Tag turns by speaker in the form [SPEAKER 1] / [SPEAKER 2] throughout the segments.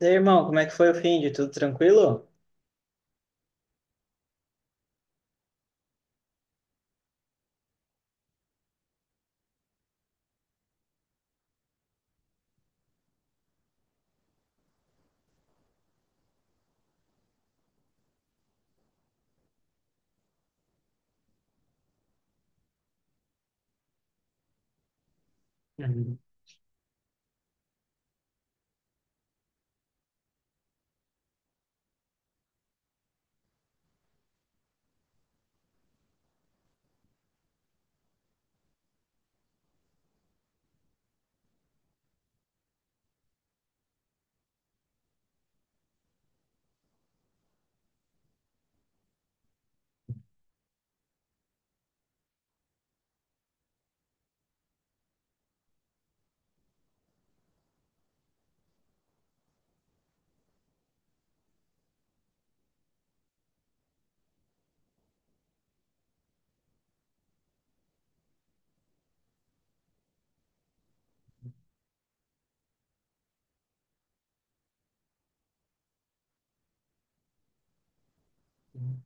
[SPEAKER 1] E aí, irmão, como é que foi o fim de tudo tranquilo? Uhum, uhum,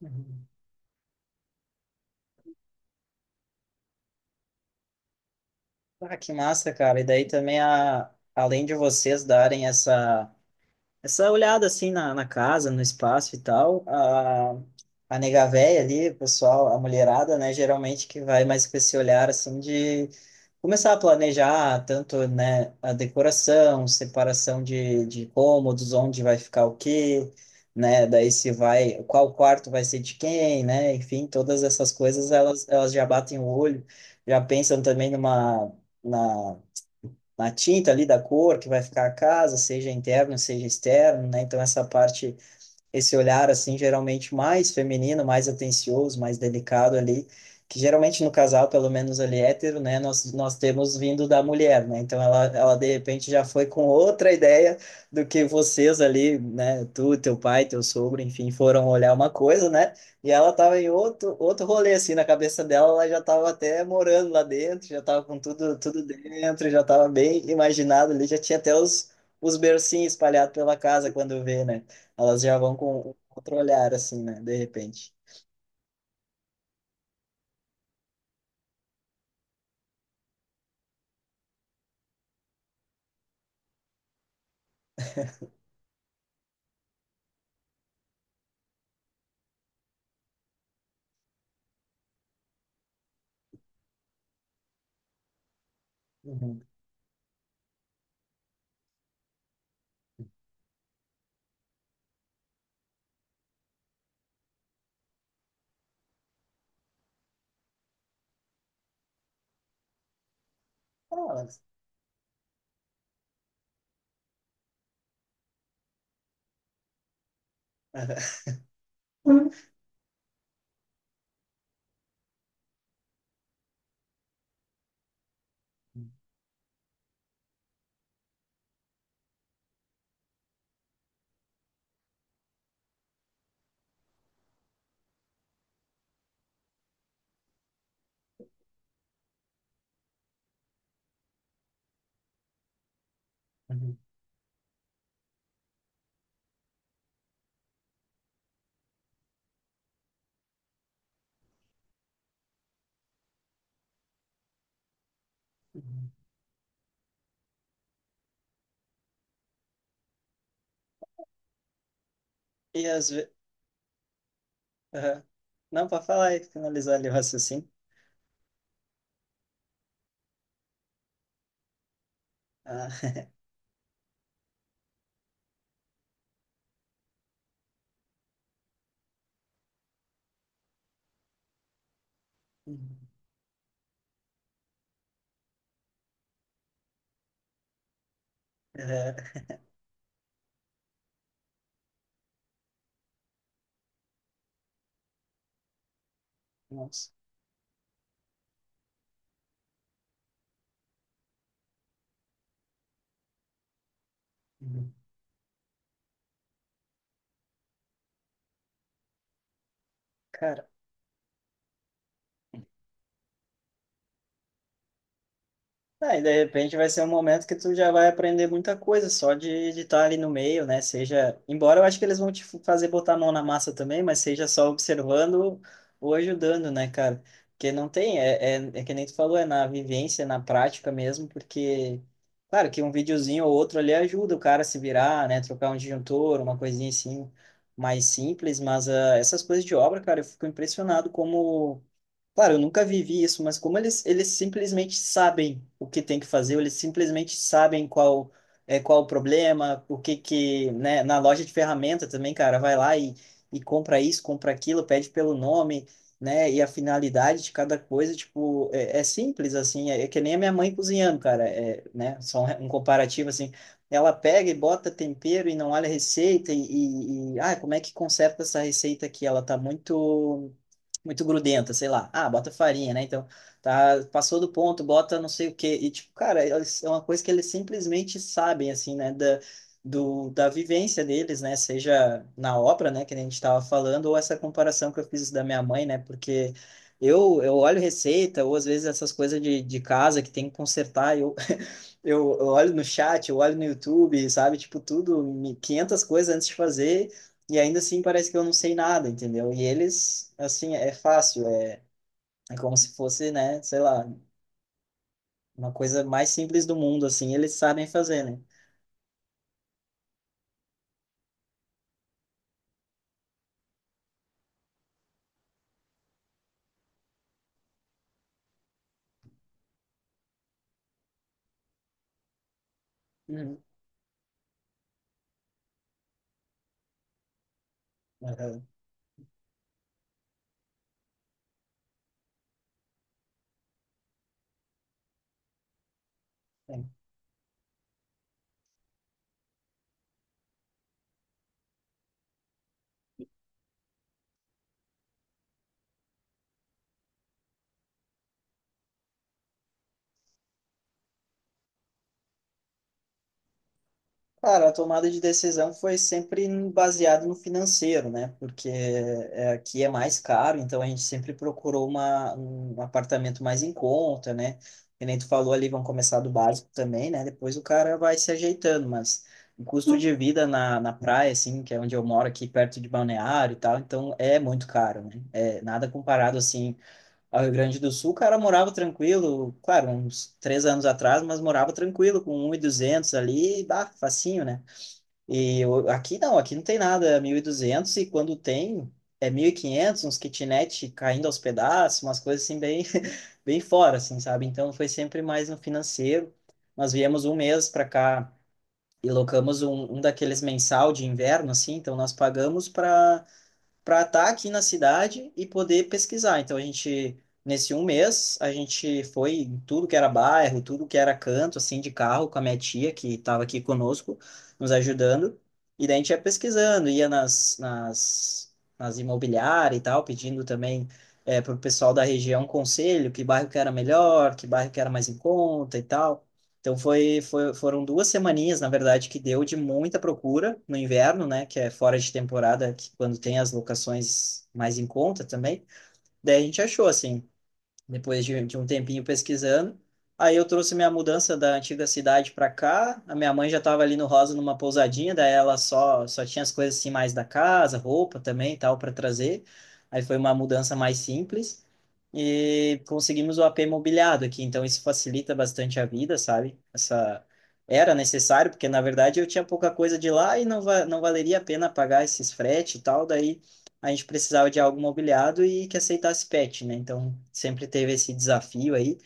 [SPEAKER 1] uhum. Ah, que massa, cara. E daí também, além de vocês darem essa olhada assim na casa, no espaço e tal, a nega véia ali, o pessoal, a mulherada, né, geralmente que vai mais com esse olhar assim de começar a planejar tanto, né, a decoração, separação de cômodos, onde vai ficar o quê, né, daí se vai, qual quarto vai ser de quem, né, enfim, todas essas coisas elas já batem o olho, já pensam também numa, na na tinta ali da cor que vai ficar a casa, seja interno, seja externo, né? Então essa parte esse olhar assim geralmente mais feminino, mais atencioso, mais delicado ali, que geralmente no casal, pelo menos ali hétero, né, nós temos vindo da mulher, né? Então ela de repente já foi com outra ideia do que vocês ali, né, tu, teu pai, teu sogro, enfim, foram olhar uma coisa, né? E ela tava em outro rolê assim, na cabeça dela, ela já tava até morando lá dentro, já tava com tudo tudo dentro, já tava bem imaginado ali, já tinha até os bercinhos espalhados pela casa quando vê, né? Elas já vão com um outro olhar, assim, né? De repente. Uhum. Ah. Uhum. Uhum. Uhum. E às vezes. Não, para falar e finalizar ali o raciocínio. Ah. Uhum. É. Nossa. Uhum. Cara. Ah, e de repente vai ser um momento que tu já vai aprender muita coisa só de estar ali no meio, né? Seja, embora eu acho que eles vão te fazer botar a mão na massa também, mas seja só observando ou ajudando, né, cara? Porque não tem, é que nem tu falou, é na vivência, na prática mesmo, porque, claro, que um videozinho ou outro ali ajuda o cara a se virar, né? Trocar um disjuntor, uma coisinha assim mais simples, mas ah, essas coisas de obra, cara, eu fico impressionado como. Claro, eu nunca vivi isso, mas como eles simplesmente sabem o que tem que fazer, ou eles simplesmente sabem qual o problema, o que que, né, na loja de ferramenta também, cara, vai lá e compra isso, compra aquilo, pede pelo nome, né, e a finalidade de cada coisa, tipo, é simples, assim, é que nem a minha mãe cozinhando, cara, é, né, só um comparativo, assim, ela pega e bota tempero e não olha a receita e ah, como é que conserta essa receita aqui? Ela tá muito muito grudenta, sei lá. Ah, bota farinha, né? Então, tá, passou do ponto, bota não sei o quê. E, tipo, cara, é uma coisa que eles simplesmente sabem, assim, né? Da vivência deles, né? Seja na obra, né? Que nem a gente estava falando, ou essa comparação que eu fiz da minha mãe, né? Porque eu olho receita, ou às vezes essas coisas de casa que tem que consertar, eu olho no chat, eu olho no YouTube, sabe? Tipo, tudo, 500 coisas antes de fazer. E ainda assim parece que eu não sei nada, entendeu? E eles, assim, é fácil, é como se fosse, né, sei lá, uma coisa mais simples do mundo, assim, eles sabem fazer, né? Uhum. Aham. É. Cara, a tomada de decisão foi sempre baseada no financeiro, né? Porque é, aqui é mais caro, então a gente sempre procurou um apartamento mais em conta, né? Que nem tu falou ali, vão começar do básico também, né? Depois o cara vai se ajeitando, mas o custo de vida na praia, assim, que é onde eu moro aqui, perto de Balneário e tal, então é muito caro, né? É nada comparado, assim, ao Rio Grande do Sul, o cara morava tranquilo, claro, uns 3 anos atrás, mas morava tranquilo, com um e duzentos ali, bah, facinho, né? Aqui não tem nada, é 1.200 e duzentos e quando tem é 1.500, uns kitnet caindo aos pedaços, umas coisas assim bem, bem fora, assim, sabe? Então foi sempre mais no financeiro. Nós viemos um mês para cá e locamos um daqueles mensal de inverno, assim, então nós pagamos para estar aqui na cidade e poder pesquisar. Então a gente, nesse um mês, a gente foi em tudo que era bairro, tudo que era canto, assim, de carro, com a minha tia, que estava aqui conosco, nos ajudando. E daí a gente ia pesquisando, ia nas imobiliárias e tal, pedindo também é, para o pessoal da região conselho, que bairro que era melhor, que bairro que era mais em conta e tal. Então foram 2 semaninhas, na verdade, que deu de muita procura no inverno, né? Que é fora de temporada, que quando tem as locações mais em conta também. Daí a gente achou, assim, depois de um tempinho pesquisando. Aí eu trouxe minha mudança da antiga cidade para cá. A minha mãe já estava ali no Rosa numa pousadinha, daí ela só tinha as coisas assim mais da casa, roupa também, e tal, para trazer. Aí foi uma mudança mais simples e conseguimos o AP mobiliado aqui, então isso facilita bastante a vida, sabe? Essa era necessário, porque na verdade eu tinha pouca coisa de lá e não, va não valeria a pena pagar esses frete e tal, daí a gente precisava de algo mobiliado e que aceitasse pet, né? Então sempre teve esse desafio aí,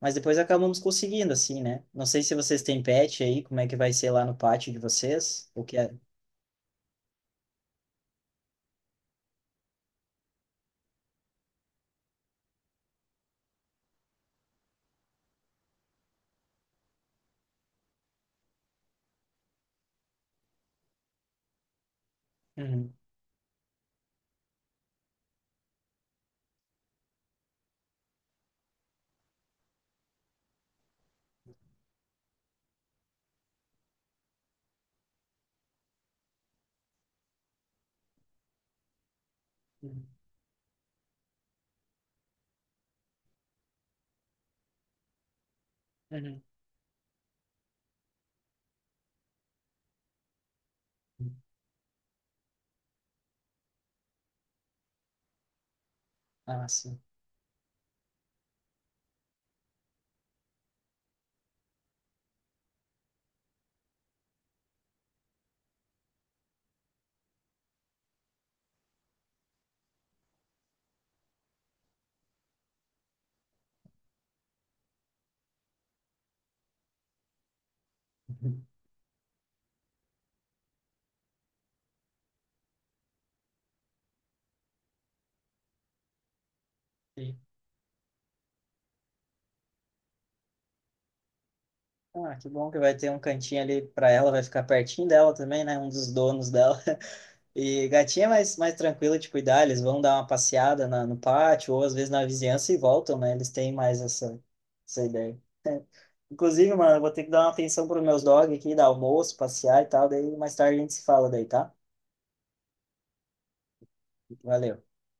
[SPEAKER 1] mas depois acabamos conseguindo assim, né? Não sei se vocês têm pet aí, como é que vai ser lá no pátio de vocês, o que é? Uhum. Uhum. Uhum. Ah, sim. Uhum. Ah, que bom que vai ter um cantinho ali pra ela, vai ficar pertinho dela também, né? Um dos donos dela. E gatinha é mais, mais tranquila de cuidar, eles vão dar uma passeada no pátio, ou às vezes na vizinhança e voltam, né? Eles têm mais essa, ideia. Inclusive, mano, eu vou ter que dar uma atenção pros meus dogs aqui, dar almoço, passear e tal, daí mais tarde a gente se fala daí, tá? Valeu.